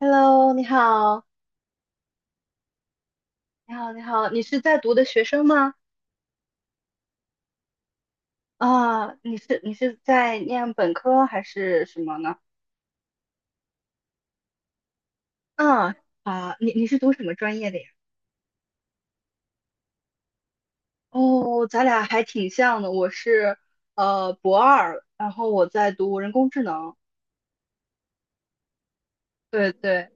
Hello，你好，你好，你好，你是在读的学生吗？啊，你是在念本科还是什么呢？啊啊，你是读什么专业的呀？哦，咱俩还挺像的，我是博二，然后我在读人工智能。对对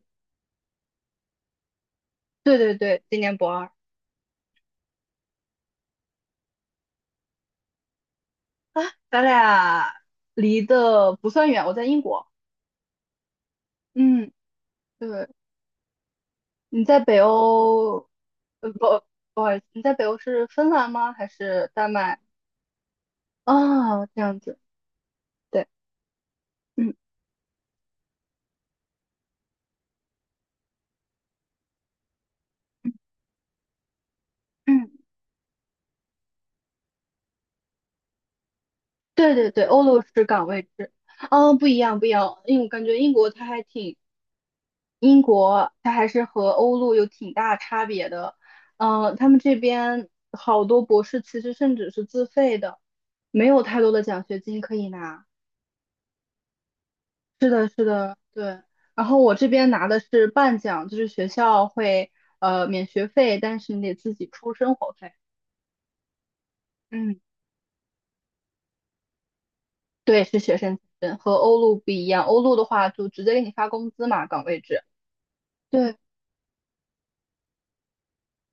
对对对，今年博二。啊，咱俩离得不算远，我在英国。嗯，对，你在北欧。呃不不好意思，你在北欧是芬兰吗？还是丹麦？哦，这样子。对，嗯嗯。对对对，欧陆是岗位制。哦，不一样不一样，因为我感觉英国它还挺……英国它还是和欧陆有挺大差别的。嗯，他们这边好多博士其实甚至是自费的，没有太多的奖学金可以拿。是的，是的，对。然后我这边拿的是半奖，就是学校会免学费，但是你得自己出生活费。嗯。对，是学生签证，和欧陆不一样。欧陆的话，就直接给你发工资嘛，岗位制。对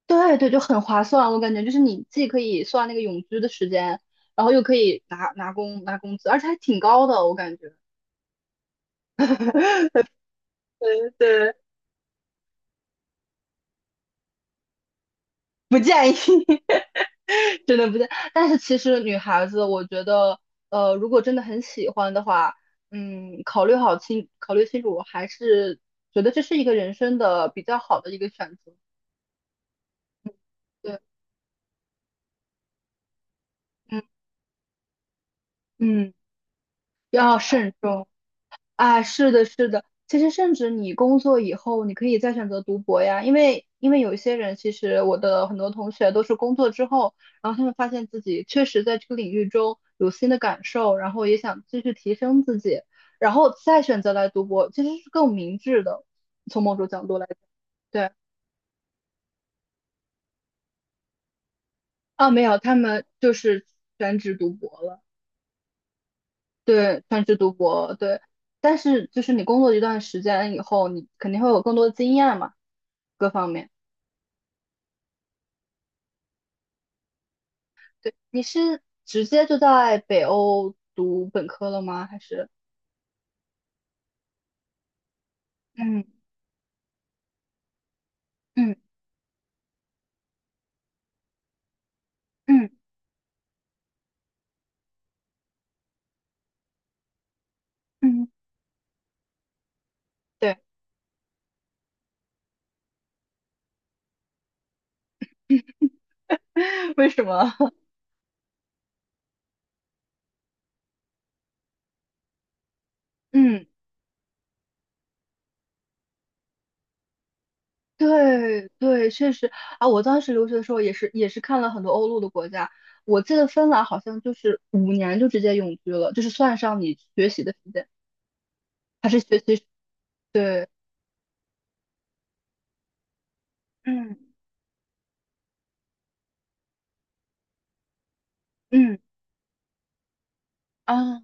对对，就很划算。我感觉就是你既可以算那个永居的时间，然后又可以拿工资，而且还挺高的，我感觉。对对，不建议，真的不建议。但是其实女孩子，我觉得，如果真的很喜欢的话，嗯，考虑清楚，我还是觉得这是一个人生的比较好的一个选择。对，嗯嗯，要慎重。啊，是的，是的。其实，甚至你工作以后，你可以再选择读博呀，因为有一些人，其实我的很多同学都是工作之后，然后他们发现自己确实在这个领域中有新的感受，然后也想继续提升自己，然后再选择来读博，其实是更明智的，从某种角度来讲。对，啊，没有，他们就是全职读博了。对，全职读博，对。但是就是你工作一段时间以后，你肯定会有更多的经验嘛，各方面。对，你是直接就在北欧读本科了吗？还是嗯嗯嗯嗯，对，为什么？嗯，对对，确实啊，我当时留学的时候也是看了很多欧陆的国家，我记得芬兰好像就是5年就直接永居了，就是算上你学习的时间，还是学习，对，嗯嗯啊，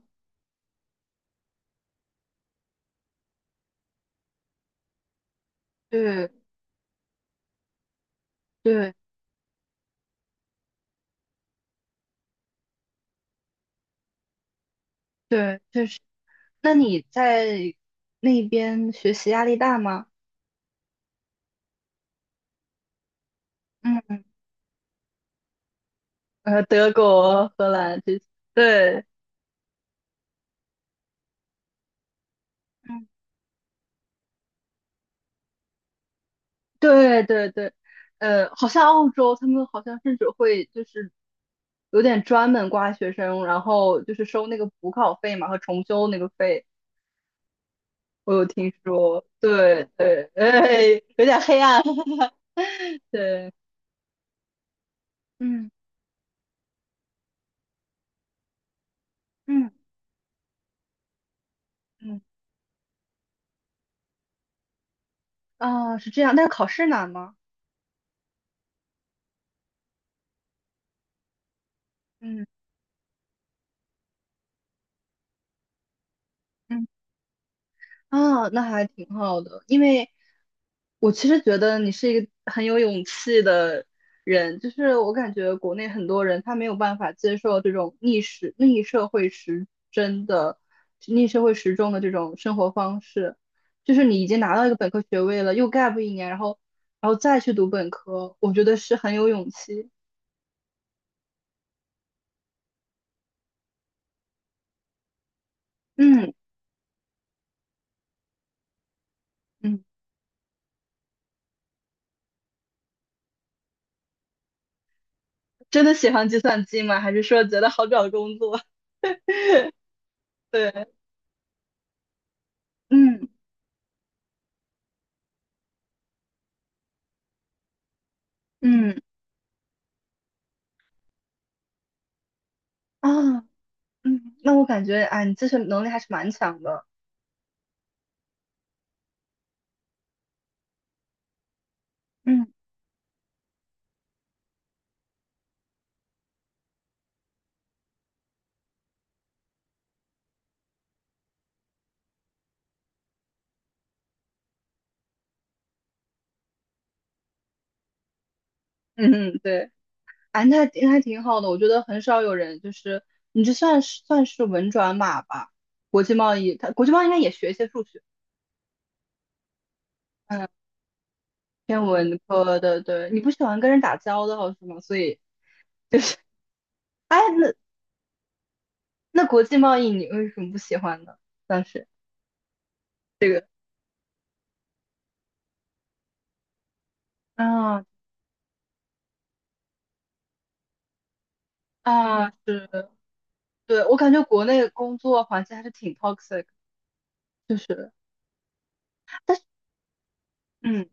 对对对，确实。那你在那边学习压力大吗？嗯。德国、荷兰这些，对，嗯，对对对，好像澳洲他们好像甚至会就是有点专门刮学生，然后就是收那个补考费嘛和重修那个费，我有听说，对对，哎，有点黑暗，对，嗯嗯嗯，啊，是这样，但是考试难吗？嗯嗯。啊，那还挺好的，因为我其实觉得你是一个很有勇气的人，就是我感觉国内很多人他没有办法接受这种逆时逆社会时针的逆社会时钟的这种生活方式，就是你已经拿到一个本科学位了，又 gap 一年，然后再去读本科，我觉得是很有勇气。嗯嗯，真的喜欢计算机吗？还是说觉得好找工作？对，嗯嗯啊。嗯，那我感觉，哎，你自身能力还是蛮强的。嗯嗯，嗯，对，哎，那还挺好的。我觉得很少有人就是你这算是文转码吧？国际贸易，国际贸易应该也学一些数学。嗯，偏文科的。对，你不喜欢跟人打交道是吗？所以，哎，那国际贸易你为什么不喜欢呢？当时啊，啊，是，对，我感觉国内工作环境还是挺 toxic，就是，但是，嗯，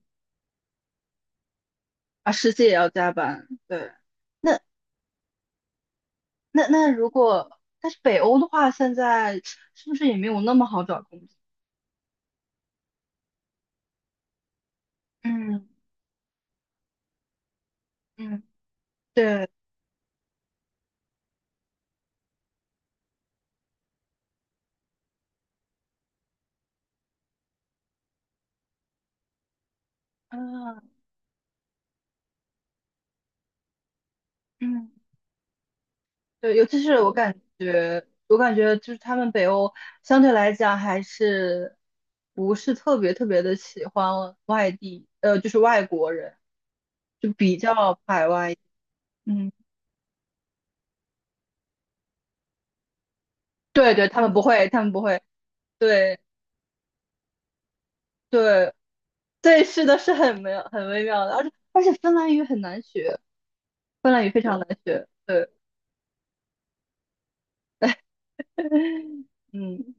啊，实际也要加班，对。那。那如果，但是北欧的话，现在是不是也没有那么好找工作？嗯嗯，对，嗯，嗯对，尤其是我感觉就是他们北欧相对来讲还是不是特别特别的喜欢外地，就是外国人，就比较排外。嗯，对对，他们不会，他们不会，对对对，是的，是很微妙的，而且芬兰语很难学，芬兰语非常难学，对。嗯，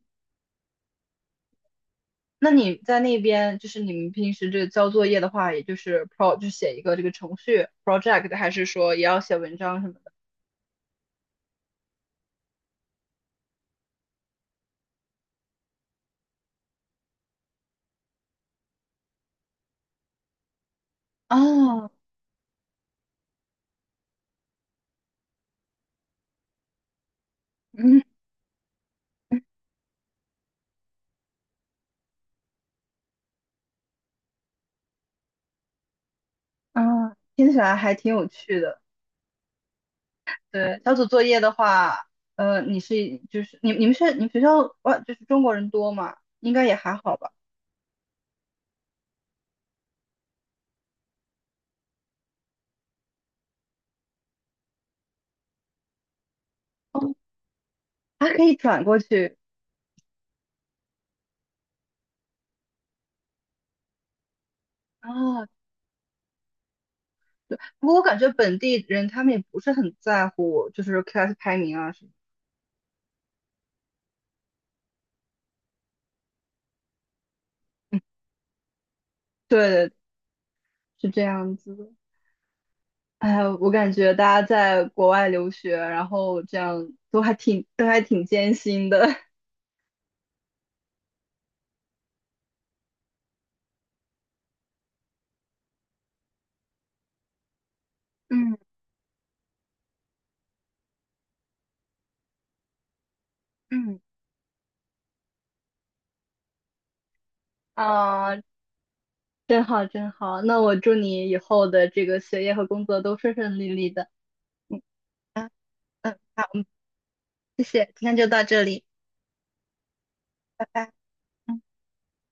那你在那边，就是你们平时这个交作业的话，也就是 就写一个这个程序 project，还是说也要写文章什么的？哦，嗯嗯，听起来还挺有趣的。对，小组作业的话，就是你们学校哇就是中国人多嘛，应该也还好吧。哦，还可以转过去。啊。对，不过我感觉本地人他们也不是很在乎，就是 class 排名啊什么。对，是这样子的。哎，我感觉大家在国外留学，然后这样都还挺艰辛的 嗯嗯，啊，真好真好。那我祝你以后的这个学业和工作都顺顺利利的。嗯啊嗯，好，嗯谢谢，今天就到这里，拜拜。嗯。